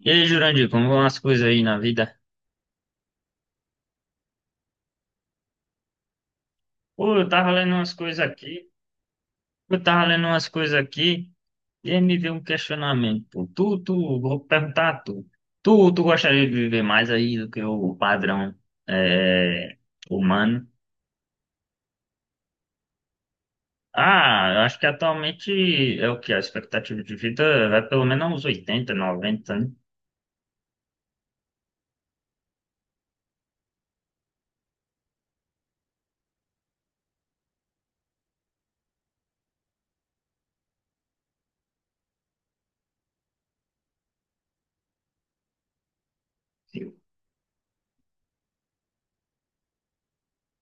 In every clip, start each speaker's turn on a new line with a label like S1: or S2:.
S1: E aí, Jurandir, como vão as coisas aí na vida? Pô, eu tava lendo umas coisas aqui, eu tava lendo umas coisas aqui, e aí me veio um questionamento. Pô. Vou perguntar a tu. Tu gostaria de viver mais aí do que o padrão é, humano? Ah, eu acho que atualmente é o que? A expectativa de vida vai pelo menos uns 80, 90, né?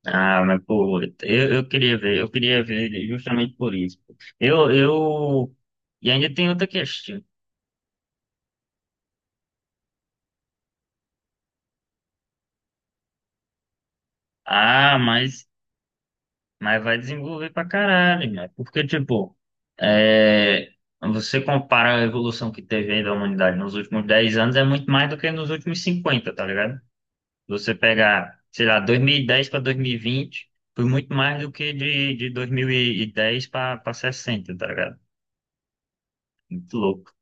S1: Ah, mas pô, eu queria ver, eu queria ver justamente por isso. Eu, eu, e ainda tem outra questão. Ah, mas vai desenvolver pra caralho, né? Porque, tipo, é, você compara a evolução que teve aí da humanidade nos últimos 10 anos, é muito mais do que nos últimos 50, tá ligado? Você pegar, sei lá, 2010 para 2020, foi muito mais do que de 2010 para 60, tá ligado? Muito louco.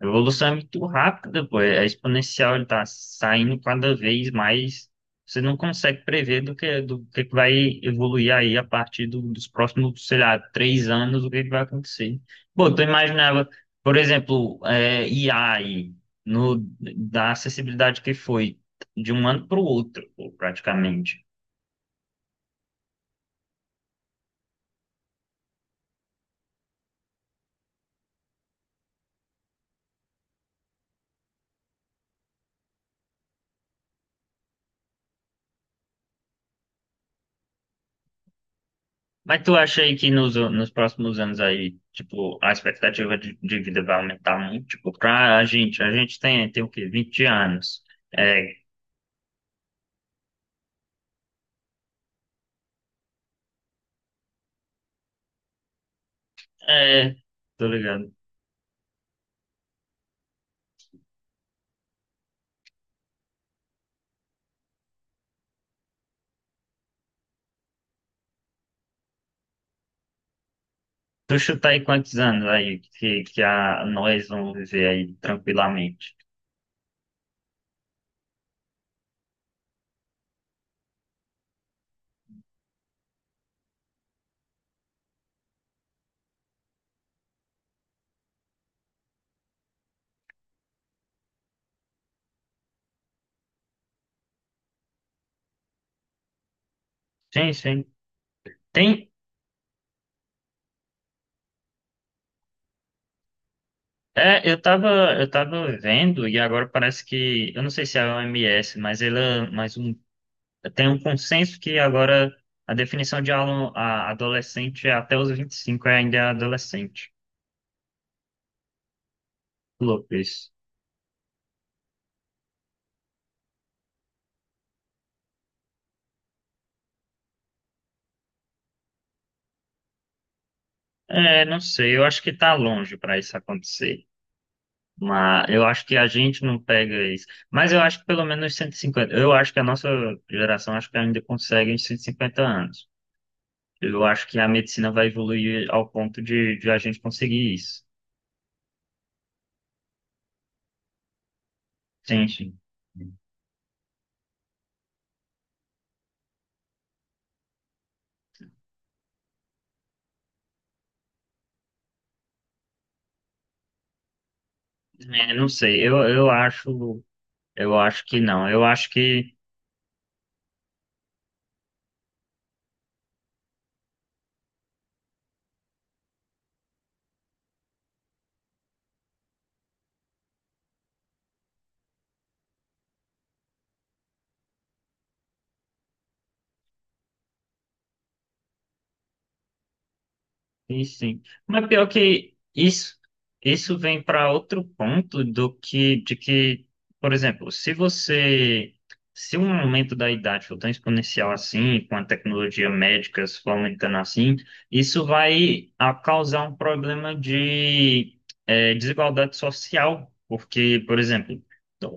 S1: A evolução é muito rápida, pô. É exponencial, ele tá saindo cada vez mais. Você não consegue prever do que que vai evoluir aí a partir dos próximos, sei lá, 3 anos, o que que vai acontecer. Pô, tu imaginava, por exemplo, IA aí, no, da acessibilidade que foi de um ano para o outro, pô, praticamente. Mas tu acha aí que nos próximos anos aí, tipo, a expectativa de vida vai aumentar muito? Tipo, pra a gente tem o quê? 20 anos. É, é, tô ligado. Tu chuta aí quantos anos aí que nós vamos viver aí tranquilamente? Sim, sim. Tem, é, eu tava, eu tava vendo e agora parece que, eu não sei se é a OMS, mas ela, mas o tem um consenso que agora a definição de aluno, adolescente é até os 25, é ainda adolescente. Louco isso. É, não sei, eu acho que tá longe para isso acontecer. Mas eu acho que a gente não pega isso. Mas eu acho que pelo menos 150. Eu acho que a nossa geração acho que ainda consegue uns 150 anos. Eu acho que a medicina vai evoluir ao ponto de a gente conseguir isso. Sim, sim. É, não sei, eu acho que não. Eu acho que sim, sim. Mas pior que isso vem para outro ponto do que, por exemplo, se um aumento da idade for tão exponencial assim, com a tecnologia médica se for aumentando assim, isso vai a causar um problema de eh, desigualdade social, porque, por exemplo,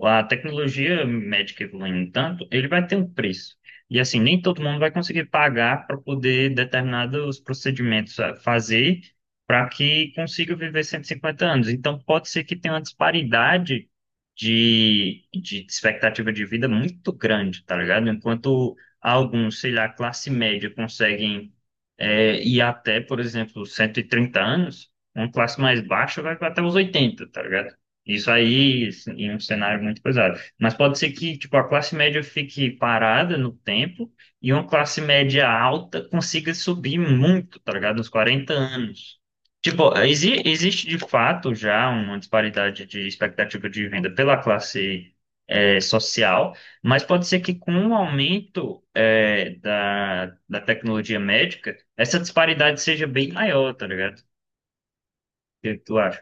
S1: a tecnologia médica evoluindo tanto, ele vai ter um preço. E assim, nem todo mundo vai conseguir pagar para poder determinados procedimentos fazer para que consiga viver 150 anos. Então, pode ser que tenha uma disparidade de expectativa de vida muito grande, tá ligado? Enquanto alguns, sei lá, classe média conseguem ir até, por exemplo, 130 anos, uma classe mais baixa vai até os 80, tá ligado? Isso aí, assim, em um cenário muito pesado. Mas pode ser que, tipo, a classe média fique parada no tempo e uma classe média alta consiga subir muito, tá ligado? Uns 40 anos. Tipo, existe de fato já uma disparidade de expectativa de renda pela classe social, mas pode ser que com o aumento da tecnologia médica, essa disparidade seja bem maior, tá ligado? O que que tu acha?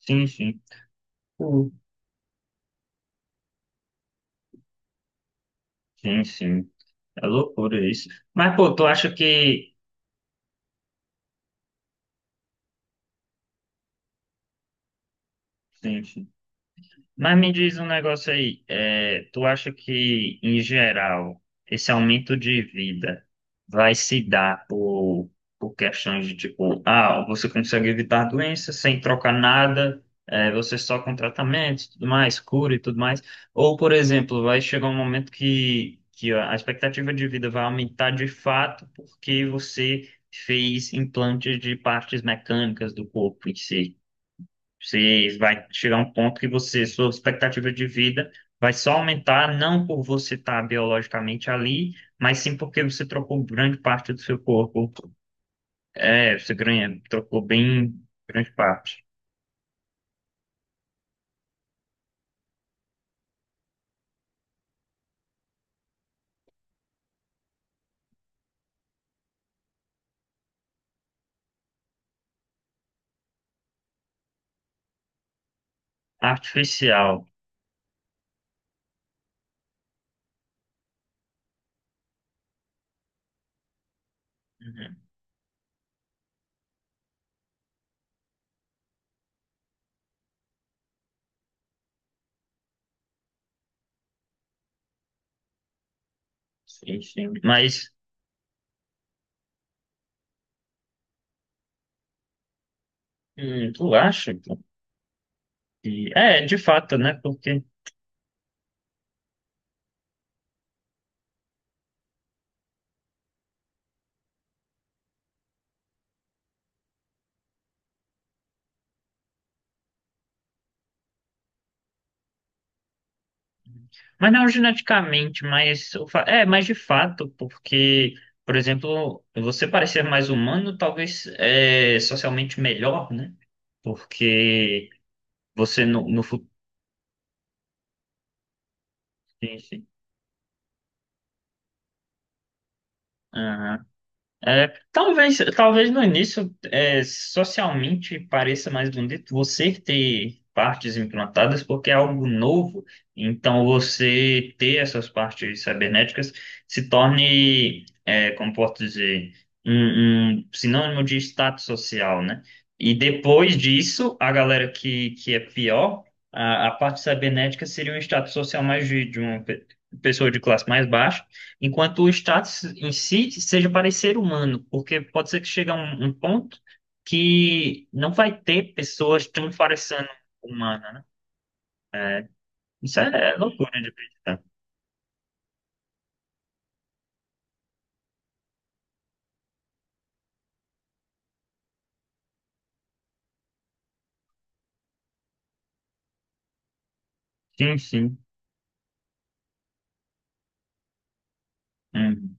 S1: Sim, sim. Pô, sim, sim. É loucura isso. Mas, pô, tu acha que sim, sim. Mas me diz um negócio aí, é, tu acha que, em geral, esse aumento de vida vai se dar por questões de tipo, ah, você consegue evitar doenças sem trocar nada, é, você só com tratamento, tudo mais, cura e tudo mais? Ou, por exemplo, vai chegar um momento que a expectativa de vida vai aumentar de fato porque você fez implantes de partes mecânicas do corpo em si? Você vai chegar a um ponto que você, sua expectativa de vida vai só aumentar, não por você estar biologicamente ali, mas sim porque você trocou grande parte do seu corpo. É, você ganha, trocou bem grande parte. Artificial. Uhum. Sim, sim. Mas tu acha que... É, de fato, né? Porque mas não geneticamente, mas o é, mas de fato, porque, por exemplo, você parecer mais humano talvez é socialmente melhor, né? Porque você no futuro. É, talvez no início, é, socialmente pareça mais bonito você ter partes implantadas, porque é algo novo. Então, você ter essas partes cibernéticas se torne, é, como posso dizer, um sinônimo de status social, né? E depois disso, a galera que é pior, a parte cibernética seria um status social mais de uma pessoa de classe mais baixa, enquanto o status em si seja parecer humano, porque pode ser que chegue a um ponto que não vai ter pessoas tão parecendo humana, né? Isso é loucura de acreditar. Sim, sim. Uhum.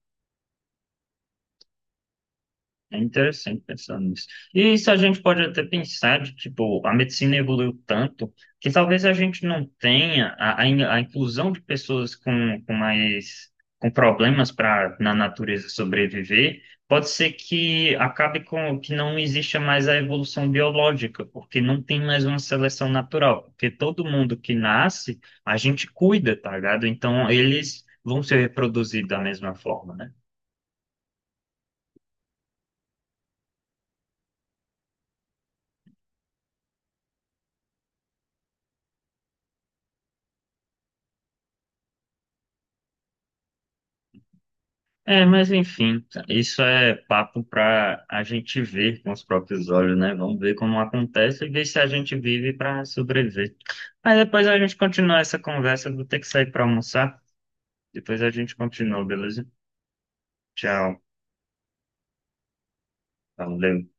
S1: É interessante pensar nisso. E isso a gente pode até pensar de, tipo, a medicina evoluiu tanto que talvez a gente não tenha a inclusão de pessoas com mais com problemas para na natureza sobreviver. Pode ser que acabe com que não exista mais a evolução biológica, porque não tem mais uma seleção natural, porque todo mundo que nasce, a gente cuida, tá ligado? Então eles vão se reproduzir da mesma forma, né? É, mas enfim, isso é papo para a gente ver com os próprios olhos, né? Vamos ver como acontece e ver se a gente vive para sobreviver. Mas depois a gente continua essa conversa, eu vou ter que sair para almoçar. Depois a gente continua, beleza? Tchau, valeu.